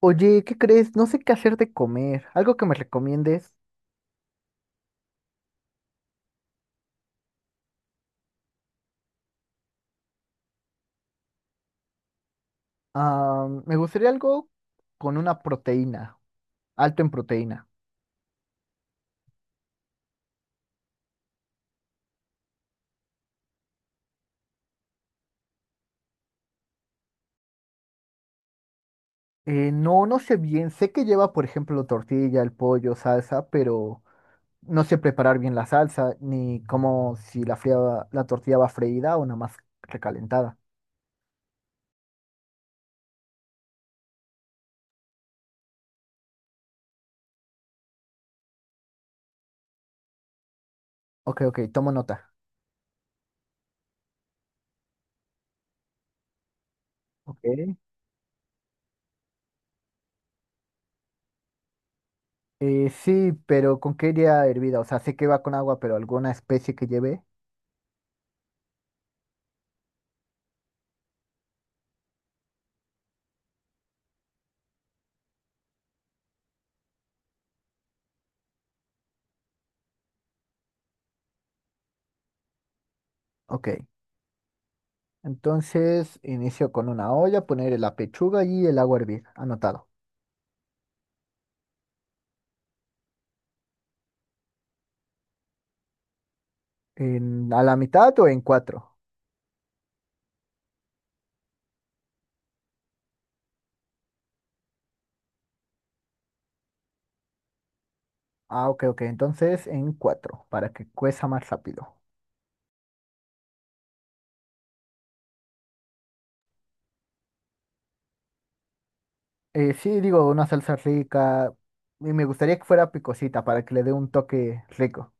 Oye, ¿qué crees? No sé qué hacer de comer. ¿Algo que me recomiendes? Ah, me gustaría algo con una proteína, alto en proteína. No, no sé bien. Sé que lleva, por ejemplo, tortilla, el pollo, salsa, pero no sé preparar bien la salsa, ni cómo si la fría, la tortilla va freída o nada más recalentada. Ok, ok, tomo nota. Ok. Sí, pero ¿con qué iría hervida? O sea, sé que va con agua, pero ¿alguna especie que lleve? Ok. Entonces, inicio con una olla, poner la pechuga y el agua a hervir. Anotado. ¿En, a la mitad o en cuatro? Ah, ok, ok. Entonces, en cuatro, para que cueza más rápido. Sí, digo, una salsa rica. Y me gustaría que fuera picosita, para que le dé un toque rico.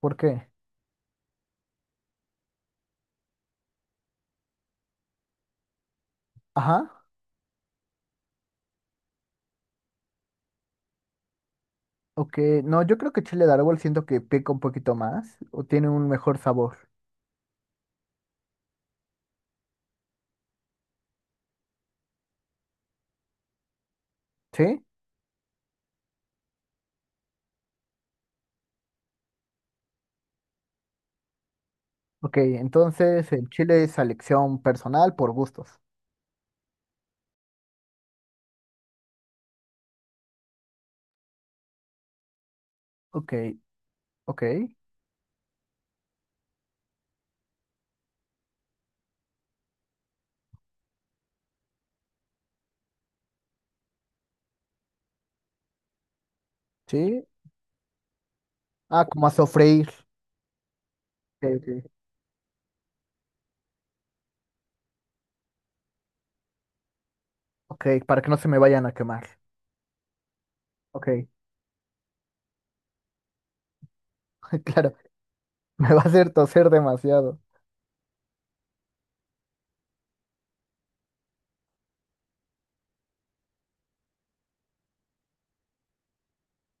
¿Por qué? Ajá. Ok. No, yo creo que chile de árbol siento que pica un poquito más o tiene un mejor sabor. ¿Sí? Ok, entonces el chile es selección personal por gustos. Ok, ok, sí. Ah, como a sofreír. Ok, ok, ok, para que no se me vayan a quemar. Ok, claro, me va a hacer toser demasiado.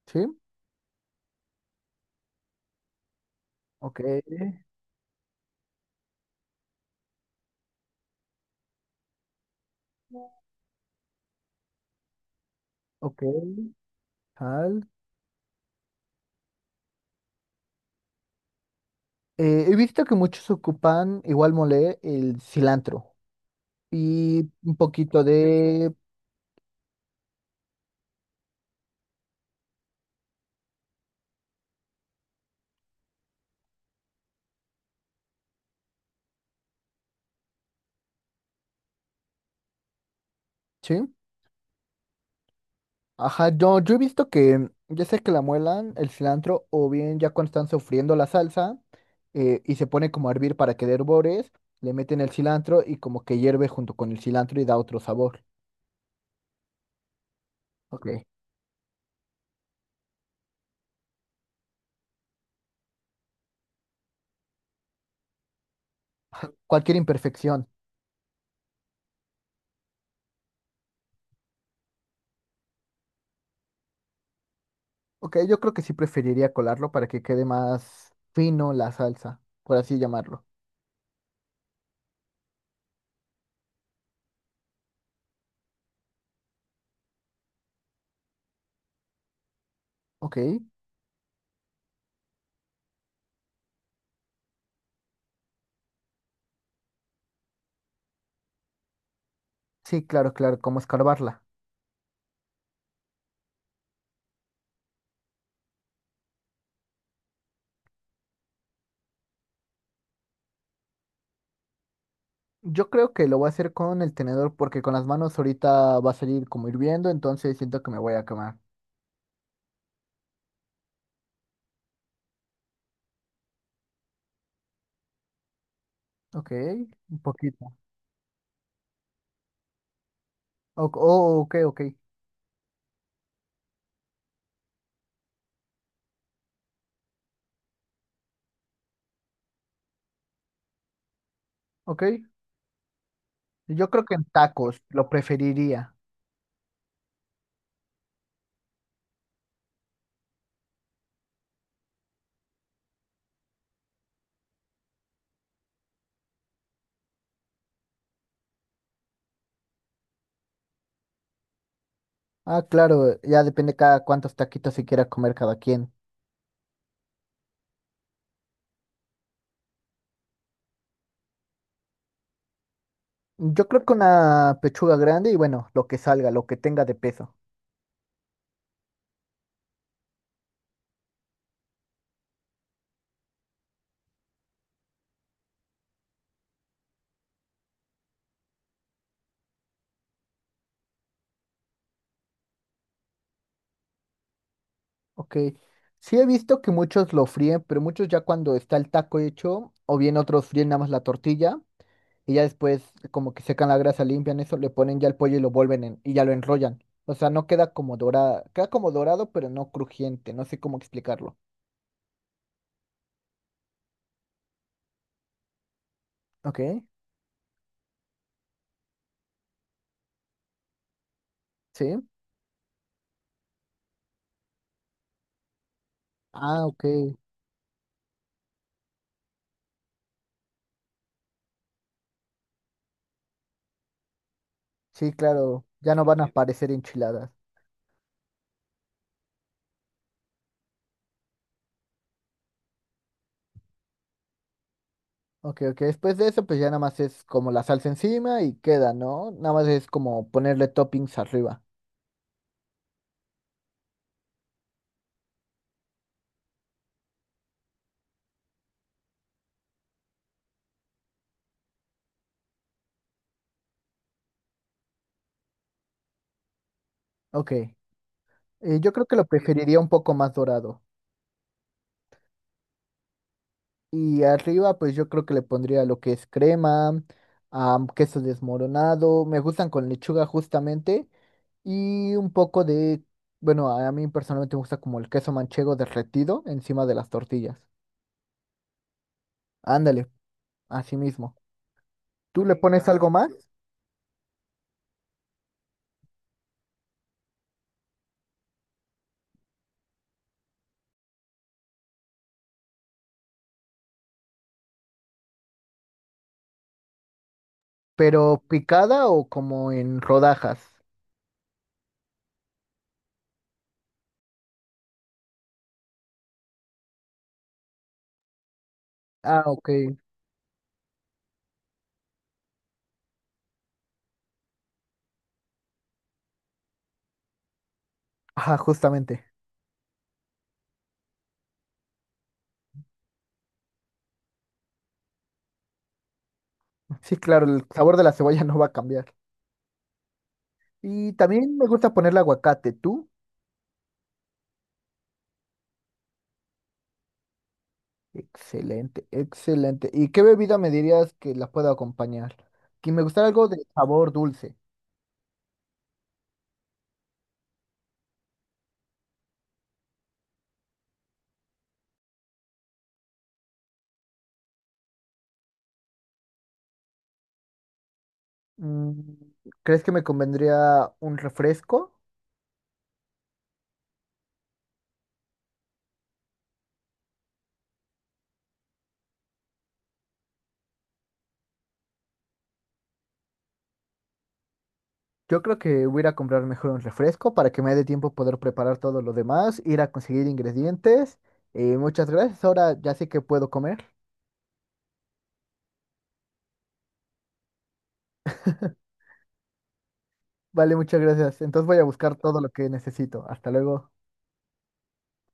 Sí, ok, ok, tal. He visto que muchos ocupan, igual mole, el cilantro y un poquito de... Sí, ajá, yo he visto que ya sea que la muelan, el cilantro, o bien ya cuando están sofriendo la salsa y se pone como a hervir para que dé hervores, le meten el cilantro y como que hierve junto con el cilantro y da otro sabor. Ok. Ajá, cualquier imperfección. Ok, yo creo que sí preferiría colarlo para que quede más fino la salsa, por así llamarlo. Ok. Sí, claro, claro, como escarbarla. Yo creo que lo voy a hacer con el tenedor porque con las manos ahorita va a salir como hirviendo, entonces siento que me voy a quemar. Ok, un poquito. Oh, ok, ok. Ok, yo creo que en tacos lo preferiría. Ah, claro, ya depende cada cuántos taquitos se quiera comer cada quien. Yo creo que una pechuga grande y bueno, lo que salga, lo que tenga de peso. Ok, sí he visto que muchos lo fríen, pero muchos ya cuando está el taco hecho, o bien otros fríen nada más la tortilla. Y ya después como que secan la grasa, limpian eso, le ponen ya el pollo y lo vuelven y ya lo enrollan. O sea, no queda como dorada, queda como dorado, pero no crujiente, no sé cómo explicarlo. Ok, sí. Ah, ok. Sí, claro, ya no van a aparecer enchiladas. Ok, ok. Después de eso, pues ya nada más es como la salsa encima y queda, ¿no? Nada más es como ponerle toppings arriba. Ok. Yo creo que lo preferiría un poco más dorado. Y arriba, pues yo creo que le pondría lo que es crema, queso desmoronado. Me gustan con lechuga justamente. Y un poco de, bueno, a mí personalmente me gusta como el queso manchego derretido encima de las tortillas. Ándale, así mismo. ¿Tú le pones algo más, pero picada o como en rodajas? Ah, ok. Ajá, justamente. Sí, claro, el sabor de la cebolla no va a cambiar. Y también me gusta ponerle aguacate. ¿Tú? Excelente, excelente. ¿Y qué bebida me dirías que la pueda acompañar? Que me gustaría algo de sabor dulce. Mm, ¿crees que me convendría un refresco? Yo creo que voy a ir a comprar mejor un refresco para que me dé tiempo poder preparar todo lo demás, ir a conseguir ingredientes. Muchas gracias, ahora ya sé que puedo comer. Vale, muchas gracias. Entonces voy a buscar todo lo que necesito. Hasta luego.